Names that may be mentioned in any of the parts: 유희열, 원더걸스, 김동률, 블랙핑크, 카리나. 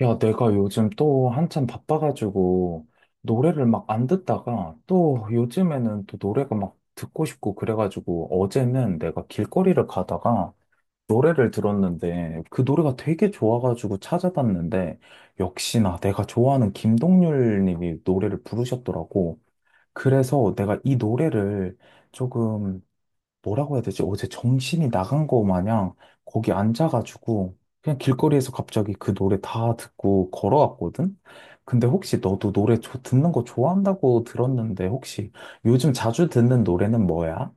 야, 내가 요즘 또 한참 바빠가지고 노래를 막 안 듣다가 또 요즘에는 또 노래가 막 듣고 싶고 그래가지고 어제는 내가 길거리를 가다가 노래를 들었는데 그 노래가 되게 좋아가지고 찾아봤는데 역시나 내가 좋아하는 김동률 님이 노래를 부르셨더라고. 그래서 내가 이 노래를 조금 뭐라고 해야 되지? 어제 정신이 나간 거 마냥 거기 앉아가지고 그냥 길거리에서 갑자기 그 노래 다 듣고 걸어왔거든? 근데 혹시 너도 노래 듣는 거 좋아한다고 들었는데 혹시 요즘 자주 듣는 노래는 뭐야?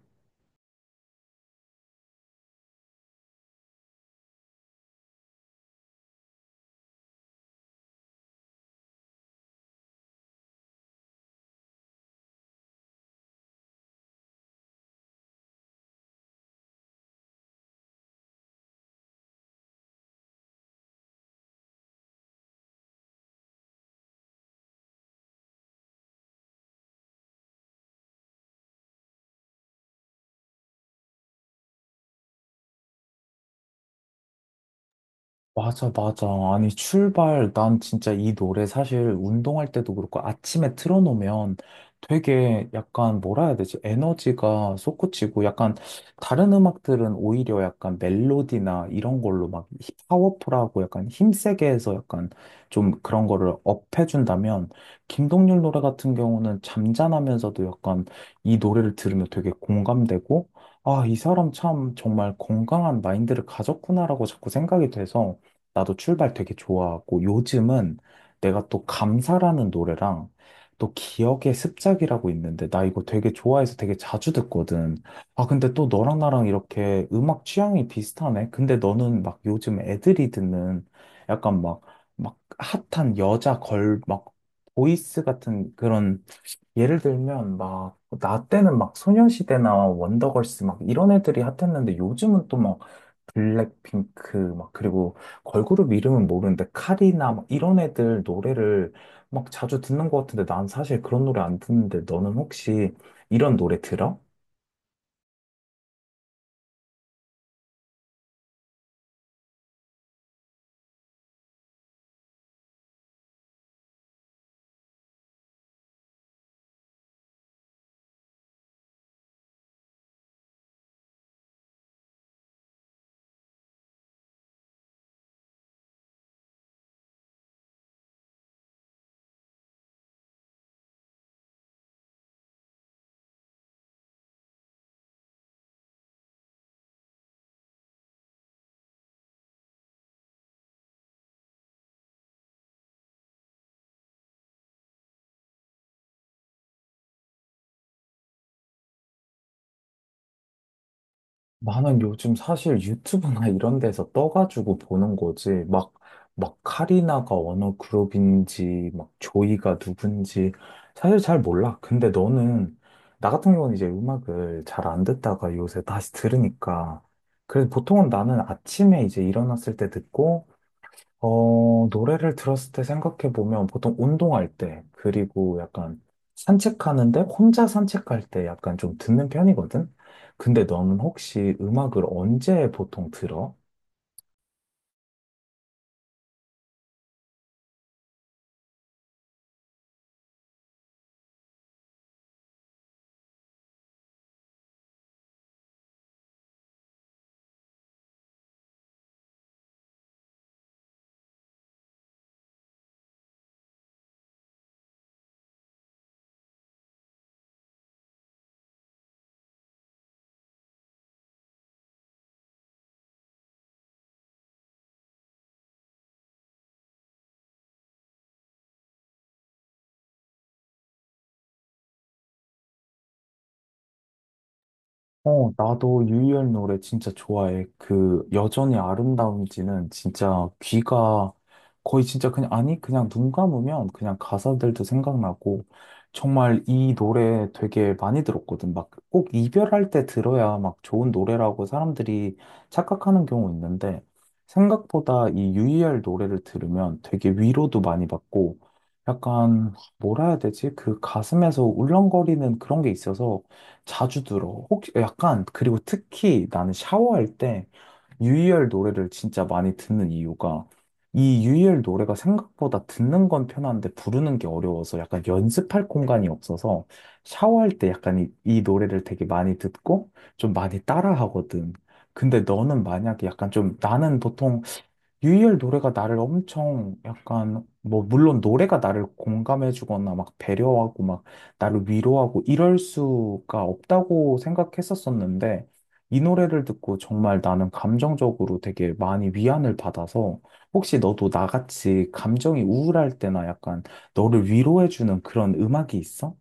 맞아, 맞아. 아니, 출발. 난 진짜 이 노래 사실 운동할 때도 그렇고 아침에 틀어놓으면 되게 약간 뭐라 해야 되지? 에너지가 솟구치고 약간 다른 음악들은 오히려 약간 멜로디나 이런 걸로 막 파워풀하고 약간 힘세게 해서 약간 좀 그런 거를 업해준다면 김동률 노래 같은 경우는 잠잠하면서도 약간 이 노래를 들으면 되게 공감되고 아, 이 사람 참 정말 건강한 마인드를 가졌구나라고 자꾸 생각이 돼서 나도 출발 되게 좋아하고 요즘은 내가 또 감사라는 노래랑 또 기억의 습작이라고 있는데 나 이거 되게 좋아해서 되게 자주 듣거든. 아, 근데 또 너랑 나랑 이렇게 음악 취향이 비슷하네. 근데 너는 막 요즘 애들이 듣는 약간 막, 막 핫한 여자 걸, 막 보이스 같은 그런 예를 들면 막 나 때는 막 소녀시대나 원더걸스 막 이런 애들이 핫했는데 요즘은 블랙핑크, 막, 그리고 걸그룹 이름은 모르는데, 카리나, 막 이런 애들 노래를 막 자주 듣는 것 같은데, 난 사실 그런 노래 안 듣는데, 너는 혹시 이런 노래 들어? 나는 요즘 사실 유튜브나 이런 데서 떠가지고 보는 거지. 막, 막 카리나가 어느 그룹인지, 막 조이가 누군지, 사실 잘 몰라. 근데 너는, 나 같은 경우는 이제 음악을 잘 안 듣다가 요새 다시 들으니까. 그래서 보통은 나는 아침에 이제 일어났을 때 듣고, 어, 노래를 들었을 때 생각해보면 보통 운동할 때, 그리고 약간 산책하는데 혼자 산책할 때 약간 좀 듣는 편이거든? 근데 너는 혹시 음악을 언제 보통 들어? 어, 나도 유희열 노래 진짜 좋아해. 그, 여전히 아름다운지는 진짜 귀가 거의 진짜 그냥, 아니, 그냥 눈 감으면 그냥 가사들도 생각나고, 정말 이 노래 되게 많이 들었거든. 막 꼭 이별할 때 들어야 막 좋은 노래라고 사람들이 착각하는 경우 있는데, 생각보다 이 유희열 노래를 들으면 되게 위로도 많이 받고, 약간, 뭐라 해야 되지? 그 가슴에서 울렁거리는 그런 게 있어서, 자주 들어. 혹시 약간 그리고 특히 나는 샤워할 때 유희열 노래를 진짜 많이 듣는 이유가 이 유희열 노래가 생각보다 듣는 건 편한데 부르는 게 어려워서 약간 연습할 공간이 없어서 샤워할 때 약간 이 노래를 되게 많이 듣고 좀 많이 따라 하거든. 근데 너는 만약에 약간 좀 나는 보통 유희열 노래가 나를 엄청 약간, 뭐, 물론 노래가 나를 공감해주거나 막 배려하고 막 나를 위로하고 이럴 수가 없다고 생각했었었는데, 이 노래를 듣고 정말 나는 감정적으로 되게 많이 위안을 받아서, 혹시 너도 나같이 감정이 우울할 때나 약간 너를 위로해주는 그런 음악이 있어?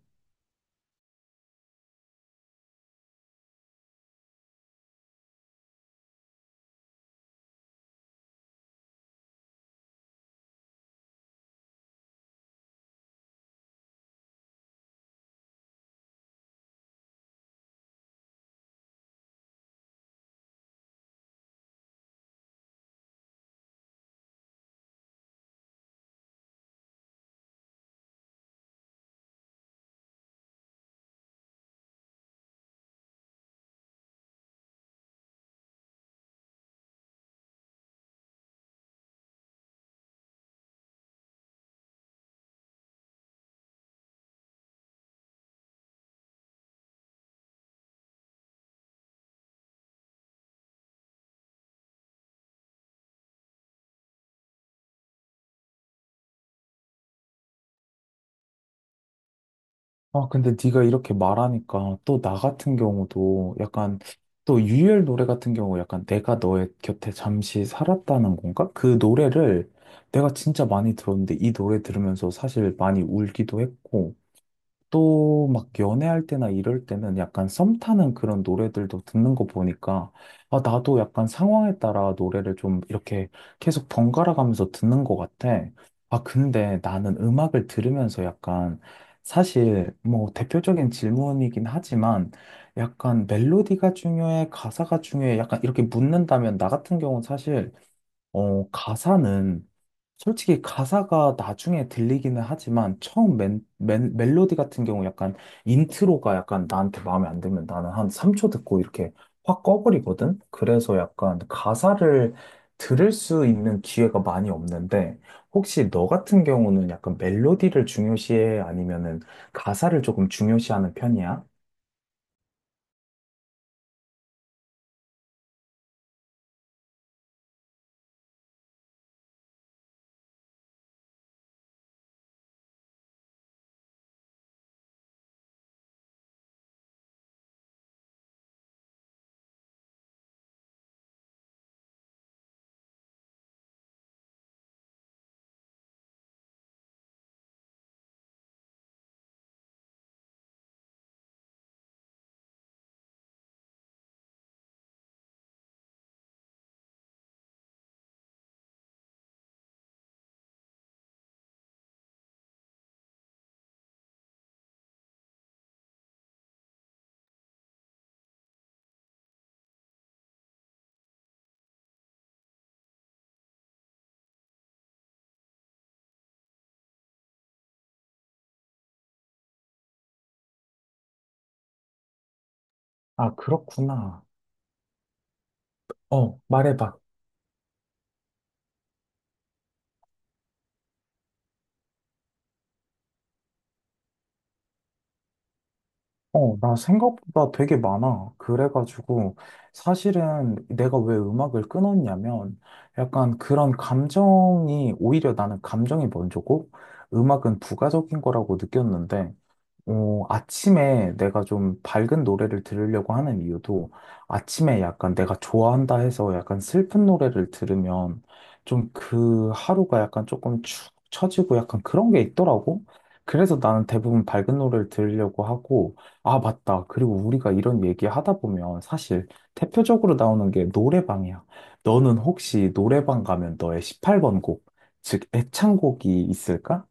아, 근데 네가 이렇게 말하니까 또 나 같은 경우도 약간 또 유열 노래 같은 경우 약간 내가 너의 곁에 잠시 살았다는 건가? 그 노래를 내가 진짜 많이 들었는데 이 노래 들으면서 사실 많이 울기도 했고 또 막 연애할 때나 이럴 때는 약간 썸 타는 그런 노래들도 듣는 거 보니까 아, 나도 약간 상황에 따라 노래를 좀 이렇게 계속 번갈아 가면서 듣는 것 같아. 아, 근데 나는 음악을 들으면서 약간 사실 뭐 대표적인 질문이긴 하지만 약간 멜로디가 중요해, 가사가 중요해, 약간 이렇게 묻는다면 나 같은 경우는 사실 어, 가사는 솔직히 가사가 나중에 들리기는 하지만 처음 멜로디 같은 경우 약간 인트로가 약간 나한테 마음에 안 들면 나는 한 3초 듣고 이렇게 확 꺼버리거든? 그래서 약간 가사를 들을 수 있는 기회가 많이 없는데 혹시 너 같은 경우는 약간 멜로디를 중요시해 아니면은 가사를 조금 중요시하는 편이야? 아, 그렇구나. 어, 말해봐. 어, 나 생각보다 되게 많아. 그래가지고, 사실은 내가 왜 음악을 끊었냐면, 약간 그런 감정이, 오히려 나는 감정이 먼저고, 음악은 부가적인 거라고 느꼈는데, 어, 아침에 내가 좀 밝은 노래를 들으려고 하는 이유도 아침에 약간 내가 좋아한다 해서 약간 슬픈 노래를 들으면 좀 그 하루가 약간 조금 축 처지고 약간 그런 게 있더라고. 그래서 나는 대부분 밝은 노래를 들으려고 하고, 아, 맞다. 그리고 우리가 이런 얘기 하다 보면 사실 대표적으로 나오는 게 노래방이야. 너는 혹시 노래방 가면 너의 18번 곡, 즉 애창곡이 있을까?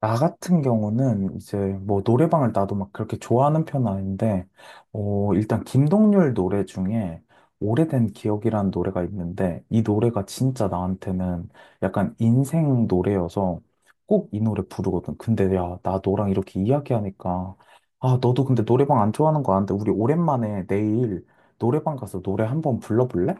나 같은 경우는 이제 뭐 노래방을 나도 막 그렇게 좋아하는 편은 아닌데, 어, 일단 김동률 노래 중에 오래된 기억이라는 노래가 있는데, 이 노래가 진짜 나한테는 약간 인생 노래여서 꼭 이 노래 부르거든. 근데 야, 나 너랑 이렇게 이야기하니까, 아, 너도 근데 노래방 안 좋아하는 거 아는데, 우리 오랜만에 내일 노래방 가서 노래 한번 불러볼래?